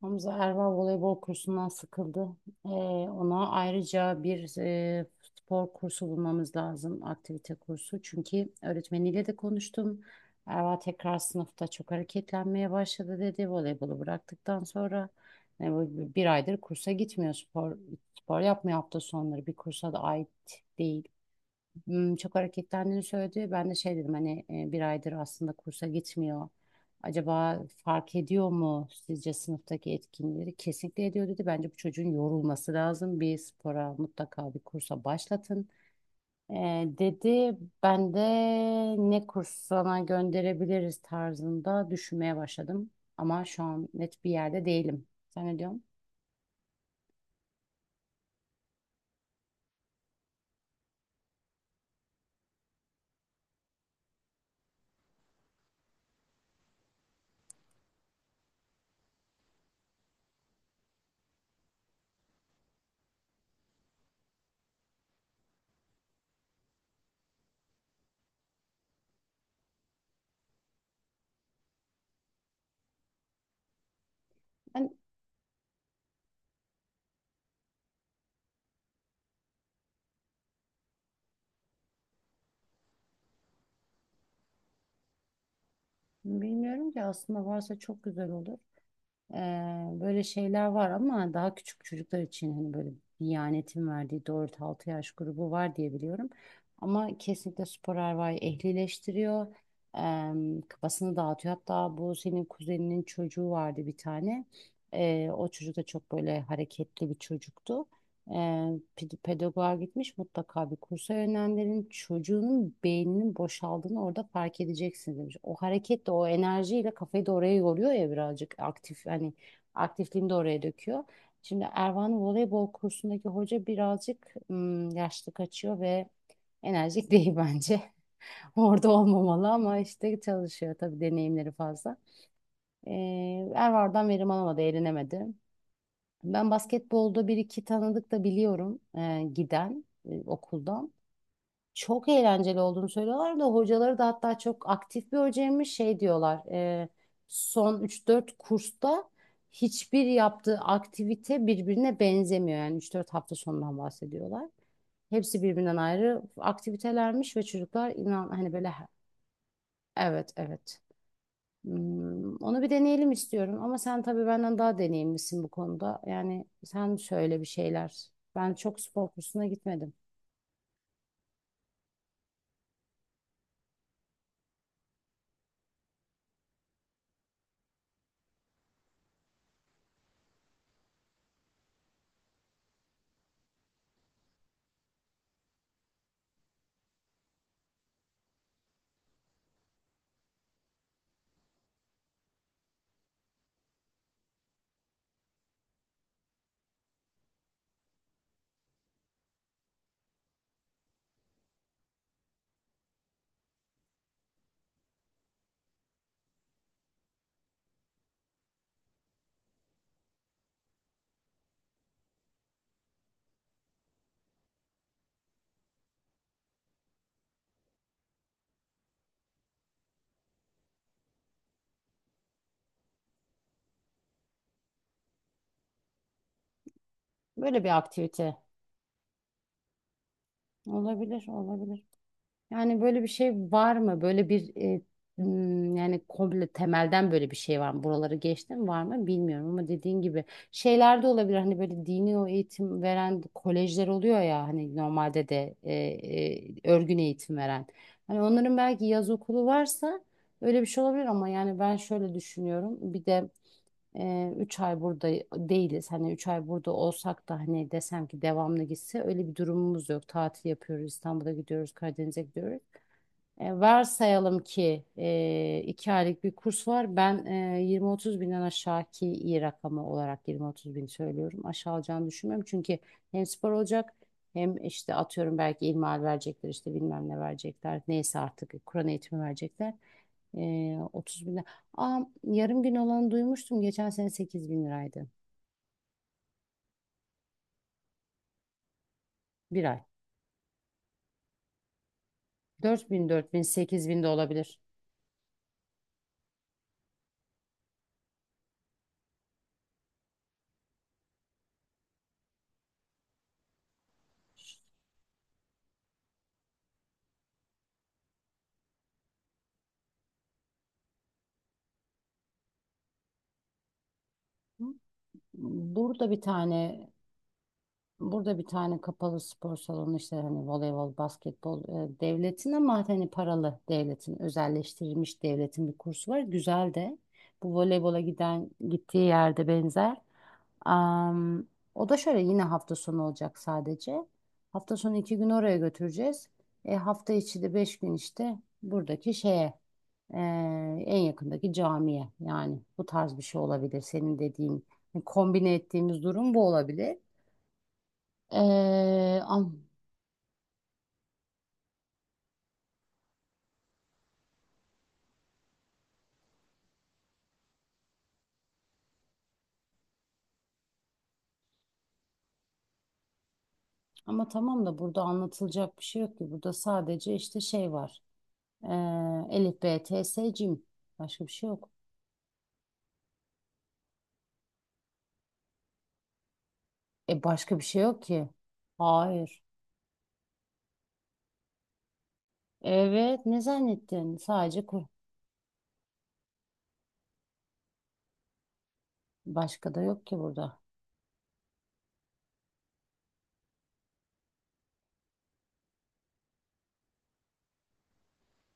Hamza Erva voleybol kursundan sıkıldı. Ona ayrıca bir spor kursu bulmamız lazım, aktivite kursu. Çünkü öğretmeniyle de konuştum. Erva tekrar sınıfta çok hareketlenmeye başladı dedi. Voleybolu bıraktıktan sonra bir aydır kursa gitmiyor spor. Spor yapmıyor hafta sonları. Bir kursa da ait değil. Çok hareketlendiğini söyledi. Ben de şey dedim hani bir aydır aslında kursa gitmiyor. Acaba fark ediyor mu sizce sınıftaki etkinlikleri? Kesinlikle ediyor dedi. Bence bu çocuğun yorulması lazım. Bir spora mutlaka bir kursa başlatın. E, dedi ben de ne kursuna gönderebiliriz tarzında düşünmeye başladım. Ama şu an net bir yerde değilim. Sen ne diyorsun? Ben bilmiyorum ki, aslında varsa çok güzel olur. Böyle şeyler var ama daha küçük çocuklar için hani böyle Diyanet'in verdiği 4-6 yaş grubu var diye biliyorum. Ama kesinlikle spor erva'yı ehlileştiriyor. Ee, kafasını dağıtıyor. Hatta bu senin kuzeninin çocuğu vardı bir tane. O çocuk da çok böyle hareketli bir çocuktu. E, pedagoğa gitmiş, mutlaka bir kursa yönlendirin. Çocuğunun beyninin boşaldığını orada fark edeceksin demiş. O hareketle, o enerjiyle kafayı da oraya yoruyor ya, birazcık aktif hani, aktifliğini de oraya döküyor. Şimdi Ervan'ın voleybol kursundaki hoca birazcık yaşlı kaçıyor ve enerjik değil bence. Orada olmamalı ama işte çalışıyor tabii, deneyimleri fazla. E, Ervan'dan verim alamadı, eğlenemedi. Ben basketbolda bir iki tanıdık da biliyorum, giden, okuldan. Çok eğlenceli olduğunu söylüyorlar da, hocaları da hatta çok aktif bir hocaymış şey diyorlar. Son üç dört kursta hiçbir yaptığı aktivite birbirine benzemiyor. Yani üç dört hafta sonundan bahsediyorlar. Hepsi birbirinden ayrı aktivitelermiş ve çocuklar inan hani böyle evet, evet. Onu bir deneyelim istiyorum ama sen tabii benden daha deneyimlisin bu konuda. Yani sen söyle bir şeyler. Ben çok spor kursuna gitmedim. Böyle bir aktivite olabilir, olabilir. Yani böyle bir şey var mı? Böyle bir yani komple temelden böyle bir şey var mı? Buraları geçtim, var mı bilmiyorum ama dediğin gibi şeyler de olabilir. Hani böyle dini o eğitim veren kolejler oluyor ya hani normalde de örgün eğitim veren. Hani onların belki yaz okulu varsa öyle bir şey olabilir ama yani ben şöyle düşünüyorum. Bir de 3 ay burada değiliz. Hani 3 ay burada olsak da hani desem ki devamlı gitse öyle bir durumumuz yok. Tatil yapıyoruz, İstanbul'a gidiyoruz, Karadeniz'e gidiyoruz. Varsayalım ki 2 aylık bir kurs var. Ben 20-30 binden aşağı, ki iyi rakamı olarak 20-30 bin söylüyorum. Aşağı alacağını düşünmüyorum. Çünkü hem spor olacak, hem işte atıyorum belki ilmihal verecekler, işte bilmem ne verecekler. Neyse artık Kur'an eğitimi verecekler. Ee, 30 bin lira. Aa, yarım gün olanı duymuştum. Geçen sene 8 bin liraydı. Bir ay. 4 bin, 4 bin, 8 bin de olabilir. Burada bir tane Burada bir tane kapalı spor salonu, işte hani voleybol, basketbol, devletin ama hani paralı devletin, özelleştirilmiş devletin bir kursu var. Güzel de bu voleybola giden gittiği yerde benzer. Am, o da şöyle, yine hafta sonu olacak sadece. Hafta sonu 2 gün oraya götüreceğiz. Hafta içi de 5 gün işte buradaki şeye, e, en yakındaki camiye, yani bu tarz bir şey olabilir. Senin dediğin hani kombine ettiğimiz durum bu olabilir. Ee, am- ama tamam da burada anlatılacak bir şey yok ki. Burada sadece işte şey var. Ee, Elif, B, T, S, Cim. Başka bir şey yok. E, başka bir şey yok ki. Hayır. Evet, ne zannettin? Sadece Kur. Başka da yok ki burada.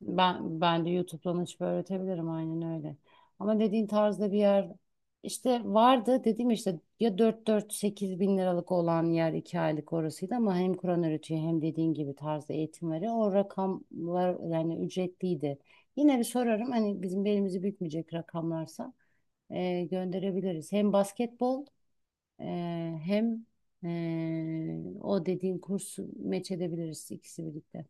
Ben de YouTube'dan açıp öğretebilirim, aynen öyle. Ama dediğin tarzda bir yer işte vardı, dediğim işte ya, 4-4-8 bin liralık olan yer, 2 aylık orasıydı ama hem Kur'an öğretiyor hem dediğin gibi tarzda eğitim veriyor. O rakamlar yani ücretliydi. Yine bir sorarım, hani bizim belimizi bükmeyecek rakamlarsa gönderebiliriz. Hem basketbol, hem o dediğin kursu meç edebiliriz, ikisi birlikte.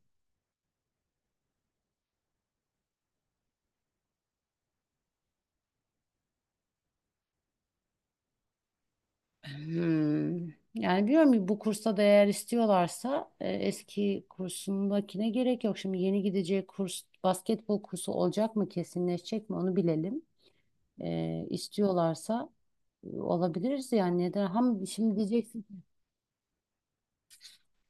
Hmm. Yani biliyorum ki bu kursa da, eğer istiyorlarsa eski kursundakine gerek yok. Şimdi yeni gideceği kurs basketbol kursu olacak mı, kesinleşecek mi, onu bilelim. İstiyorlarsa olabiliriz yani, neden? Ham şimdi diyeceksin,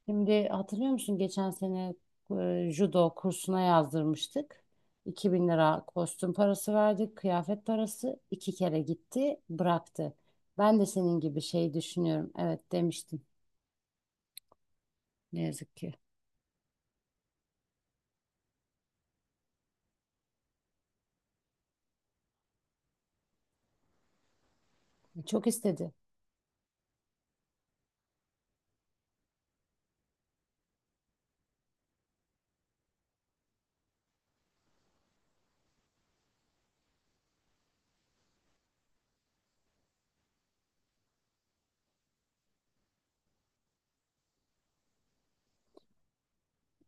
şimdi hatırlıyor musun geçen sene judo kursuna yazdırmıştık. 2 bin lira kostüm parası verdik, kıyafet parası. 2 kere gitti, bıraktı. Ben de senin gibi şey düşünüyorum. Evet demiştim. Ne yazık ki. Çok istedi.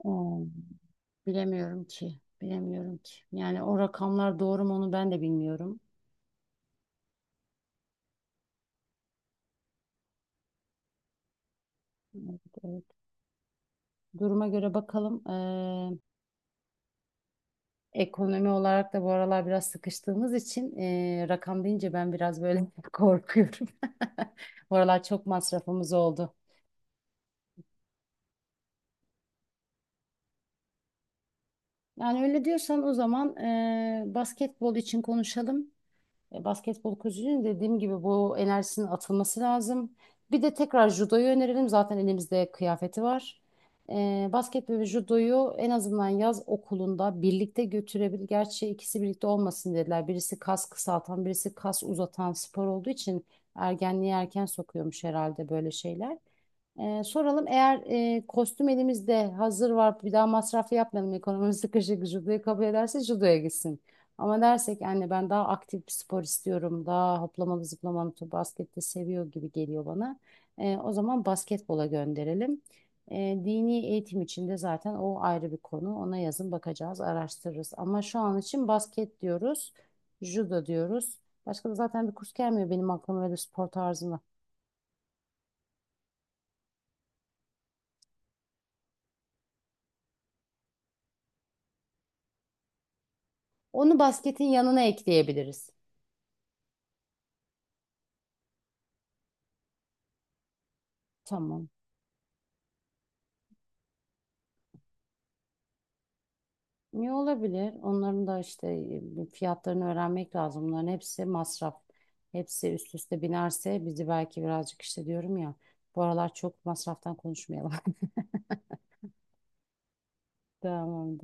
Hmm, Bilemiyorum ki. Bilemiyorum ki. Yani o rakamlar doğru mu, onu ben de bilmiyorum. Evet, evet. Duruma göre bakalım. Ekonomi olarak da bu aralar biraz sıkıştığımız için rakam deyince ben biraz böyle korkuyorum. Bu aralar çok masrafımız oldu. Yani öyle diyorsan o zaman basketbol için konuşalım. Basketbol kulübünün, dediğim gibi bu enerjisinin atılması lazım. Bir de tekrar judoyu önerelim. Zaten elimizde kıyafeti var. Basketbol ve judoyu en azından yaz okulunda birlikte götürebilir. Gerçi ikisi birlikte olmasın dediler. Birisi kas kısaltan, birisi kas uzatan spor olduğu için ergenliğe erken sokuyormuş herhalde, böyle şeyler. Soralım, eğer kostüm elimizde hazır var, bir daha masraf yapmayalım, ekonomimiz sıkışık, judoyu kabul ederse judoya gitsin. Ama dersek anne ben daha aktif bir spor istiyorum, daha hoplamalı zıplamalı, top, baskette seviyor gibi geliyor bana. O zaman basketbola gönderelim. Ee, dini eğitim içinde zaten o ayrı bir konu, ona yazın bakacağız, araştırırız. Ama şu an için basket diyoruz, judo diyoruz. Başka da zaten bir kurs gelmiyor benim aklıma, öyle spor tarzında. Onu basketin yanına ekleyebiliriz. Tamam. Niye, olabilir? Onların da işte fiyatlarını öğrenmek lazım. Bunların hepsi masraf. Hepsi üst üste binerse bizi belki birazcık, işte diyorum ya. Bu aralar çok masraftan konuşmayalım. Tamam.